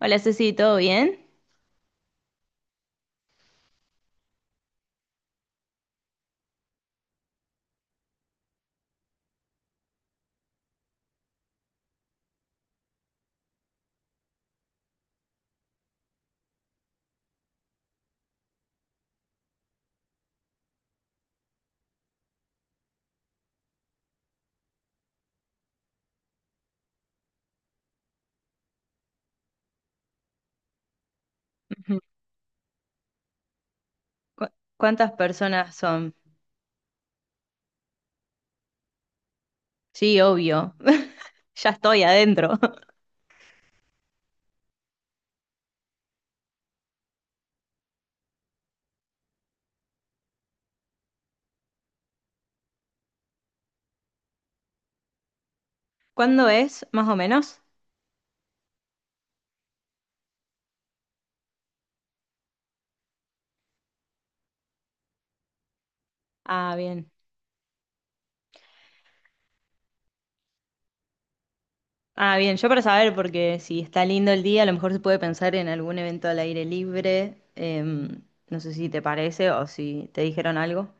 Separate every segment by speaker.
Speaker 1: Hola Ceci, ¿todo bien? Ujú. ¿Cu- ¿Cuántas personas son? Sí, obvio. Ya estoy adentro. ¿Cuándo es, más o menos? Ah, bien. Ah, bien, yo para saber, porque si está lindo el día, a lo mejor se puede pensar en algún evento al aire libre. No sé si te parece o si te dijeron algo.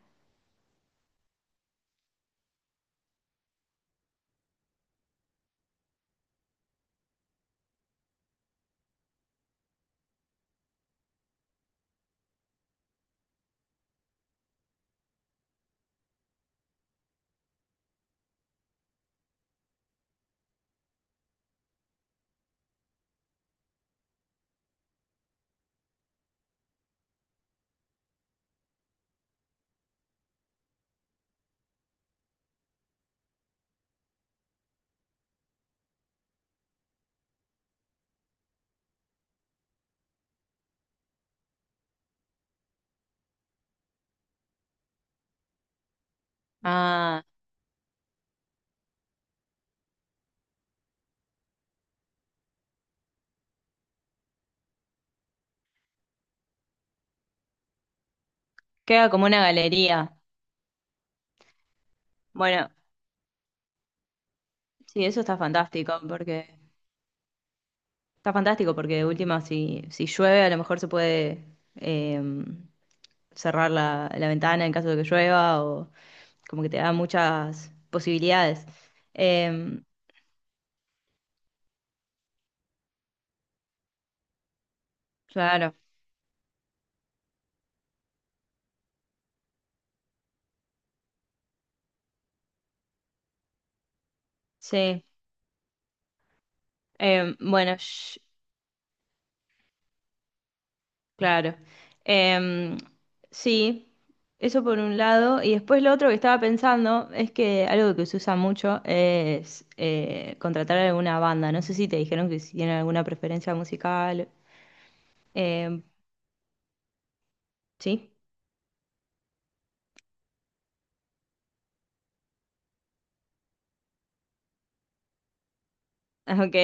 Speaker 1: Ah, queda como una galería. Bueno, sí, eso está fantástico porque de última, si llueve, a lo mejor se puede eh, cerrar la ventana en caso de que llueva, o como que te da muchas posibilidades. Em, claro, sí. Em, bueno, sh- claro. Em, sí, eso por un lado. Y después lo otro que estaba pensando es que algo que se usa mucho es contratar alguna banda. No sé si te dijeron que si tienen alguna preferencia musical. Em, sí, ok.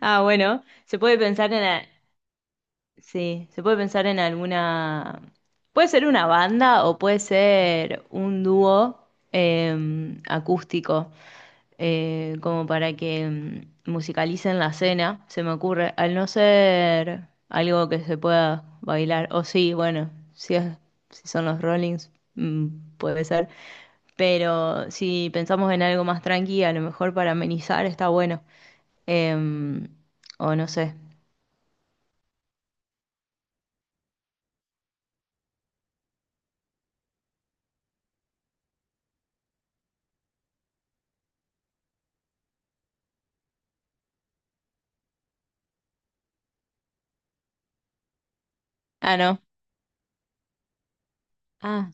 Speaker 1: Ah, bueno, se puede pensar en... Sí, se puede pensar en alguna. Puede ser una banda o puede ser un dúo eh, acústico, como para que musicalicen la cena, se me ocurre. Al no ser algo que se pueda bailar, o sí, bueno, si son los Rollings, mm, puede ser. Pero si pensamos en algo más tranqui, a lo mejor para amenizar está bueno. Em, o no sé. Ah, no. Ah,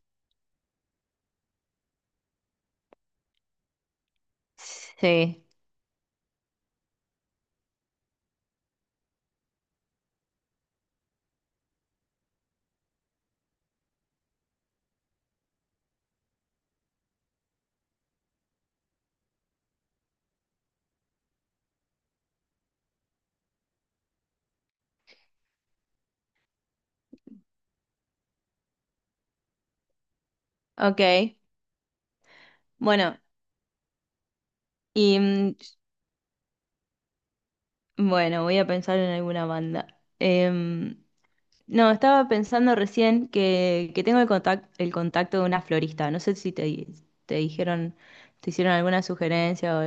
Speaker 1: sí. Ok, bueno, y bueno, voy a pensar en alguna banda. Em, No, estaba pensando recién que tengo el contacto de una florista. No sé si te, di- Te dijeron, te hicieron alguna sugerencia o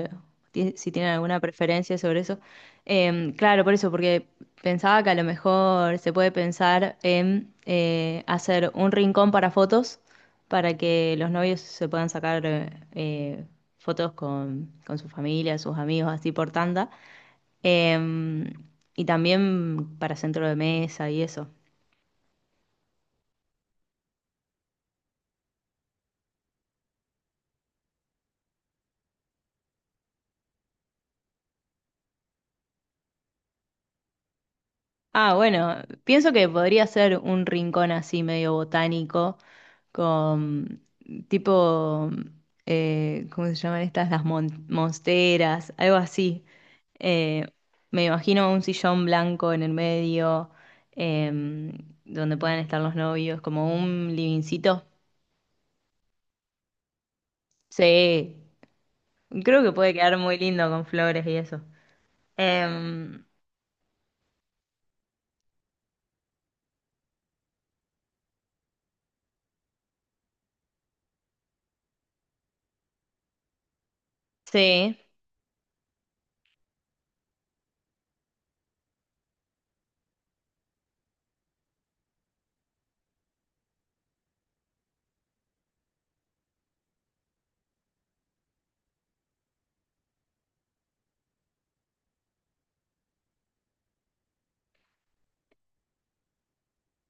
Speaker 1: si tienen alguna preferencia sobre eso. Claro, por eso, porque pensaba que a lo mejor se puede pensar en hacer un rincón para fotos para que los novios se puedan sacar fotos con su familia, sus amigos, así por tanda. Em, y también para centro de mesa y eso. Ah, bueno, pienso que podría ser un rincón así medio botánico, con tipo, ¿cómo se llaman estas? Monsteras, algo así. Eh, Me imagino un sillón blanco en el medio, em, donde puedan estar los novios, como un livincito. Sí, creo que puede quedar muy lindo con flores y eso. Em, sí,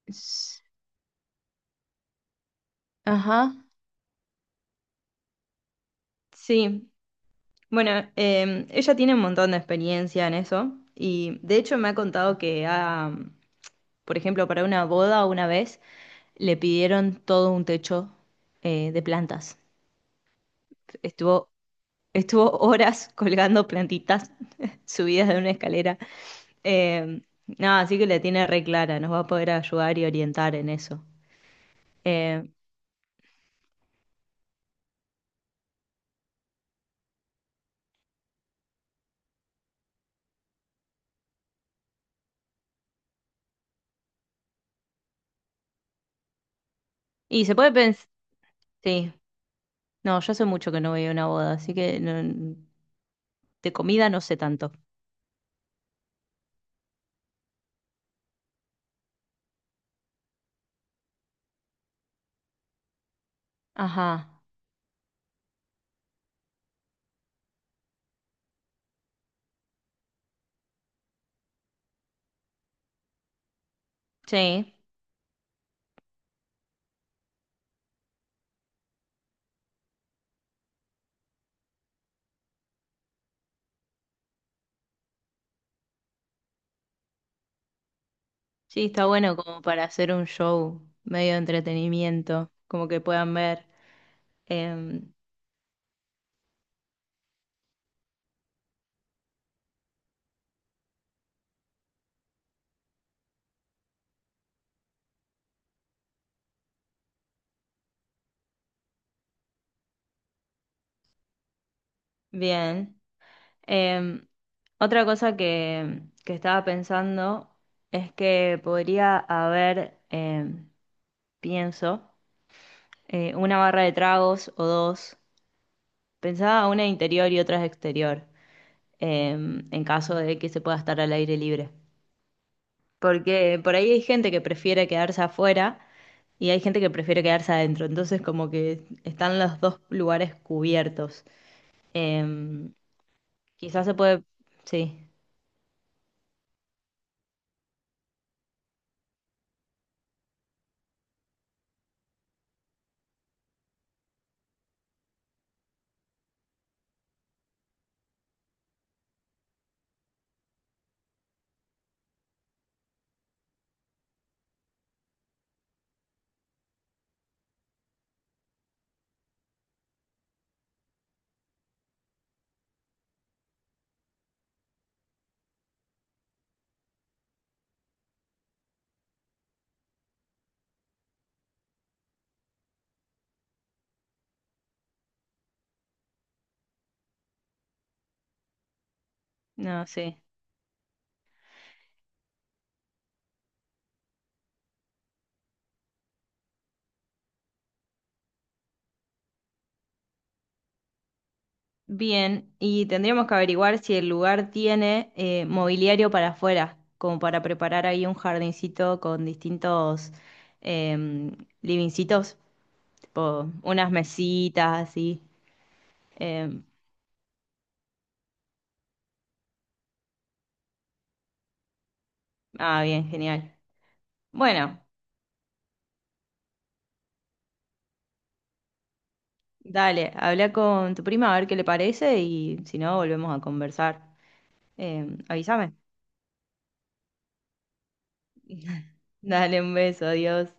Speaker 1: S- ajá, sí. Bueno, ella tiene un montón de experiencia en eso y de hecho me ha contado por ejemplo, para una boda una vez le pidieron todo un techo de plantas. Estuvo, estuvo horas colgando plantitas subidas de una escalera. Em, no, así que le tiene re clara, nos va a poder ayudar y orientar en eso. Em, y se puede pensar, sí, no, yo hace mucho que no voy a una boda, así que no- de comida no sé tanto. Ajá, sí. Sí, está bueno como para hacer un show medio de entretenimiento, como que puedan ver. Em, bien. Em, Otra cosa que estaba pensando es que podría haber, pienso, una barra de tragos o dos. Pensaba una interior y otra exterior, en caso de que se pueda estar al aire libre. Porque por ahí hay gente que prefiere quedarse afuera y hay gente que prefiere quedarse adentro. Entonces, como que están los dos lugares cubiertos. Eh, Quizás se puede. Sí, no, sí. Bien, y tendríamos que averiguar si el lugar tiene mobiliario para afuera, como para preparar ahí un jardincito con distintos eh, livingcitos, tipo unas mesitas así. Eh, ah, bien, genial. Bueno. Dale, habla con tu prima a ver qué le parece y si no, volvemos a conversar. Avísame. Dale un beso, adiós.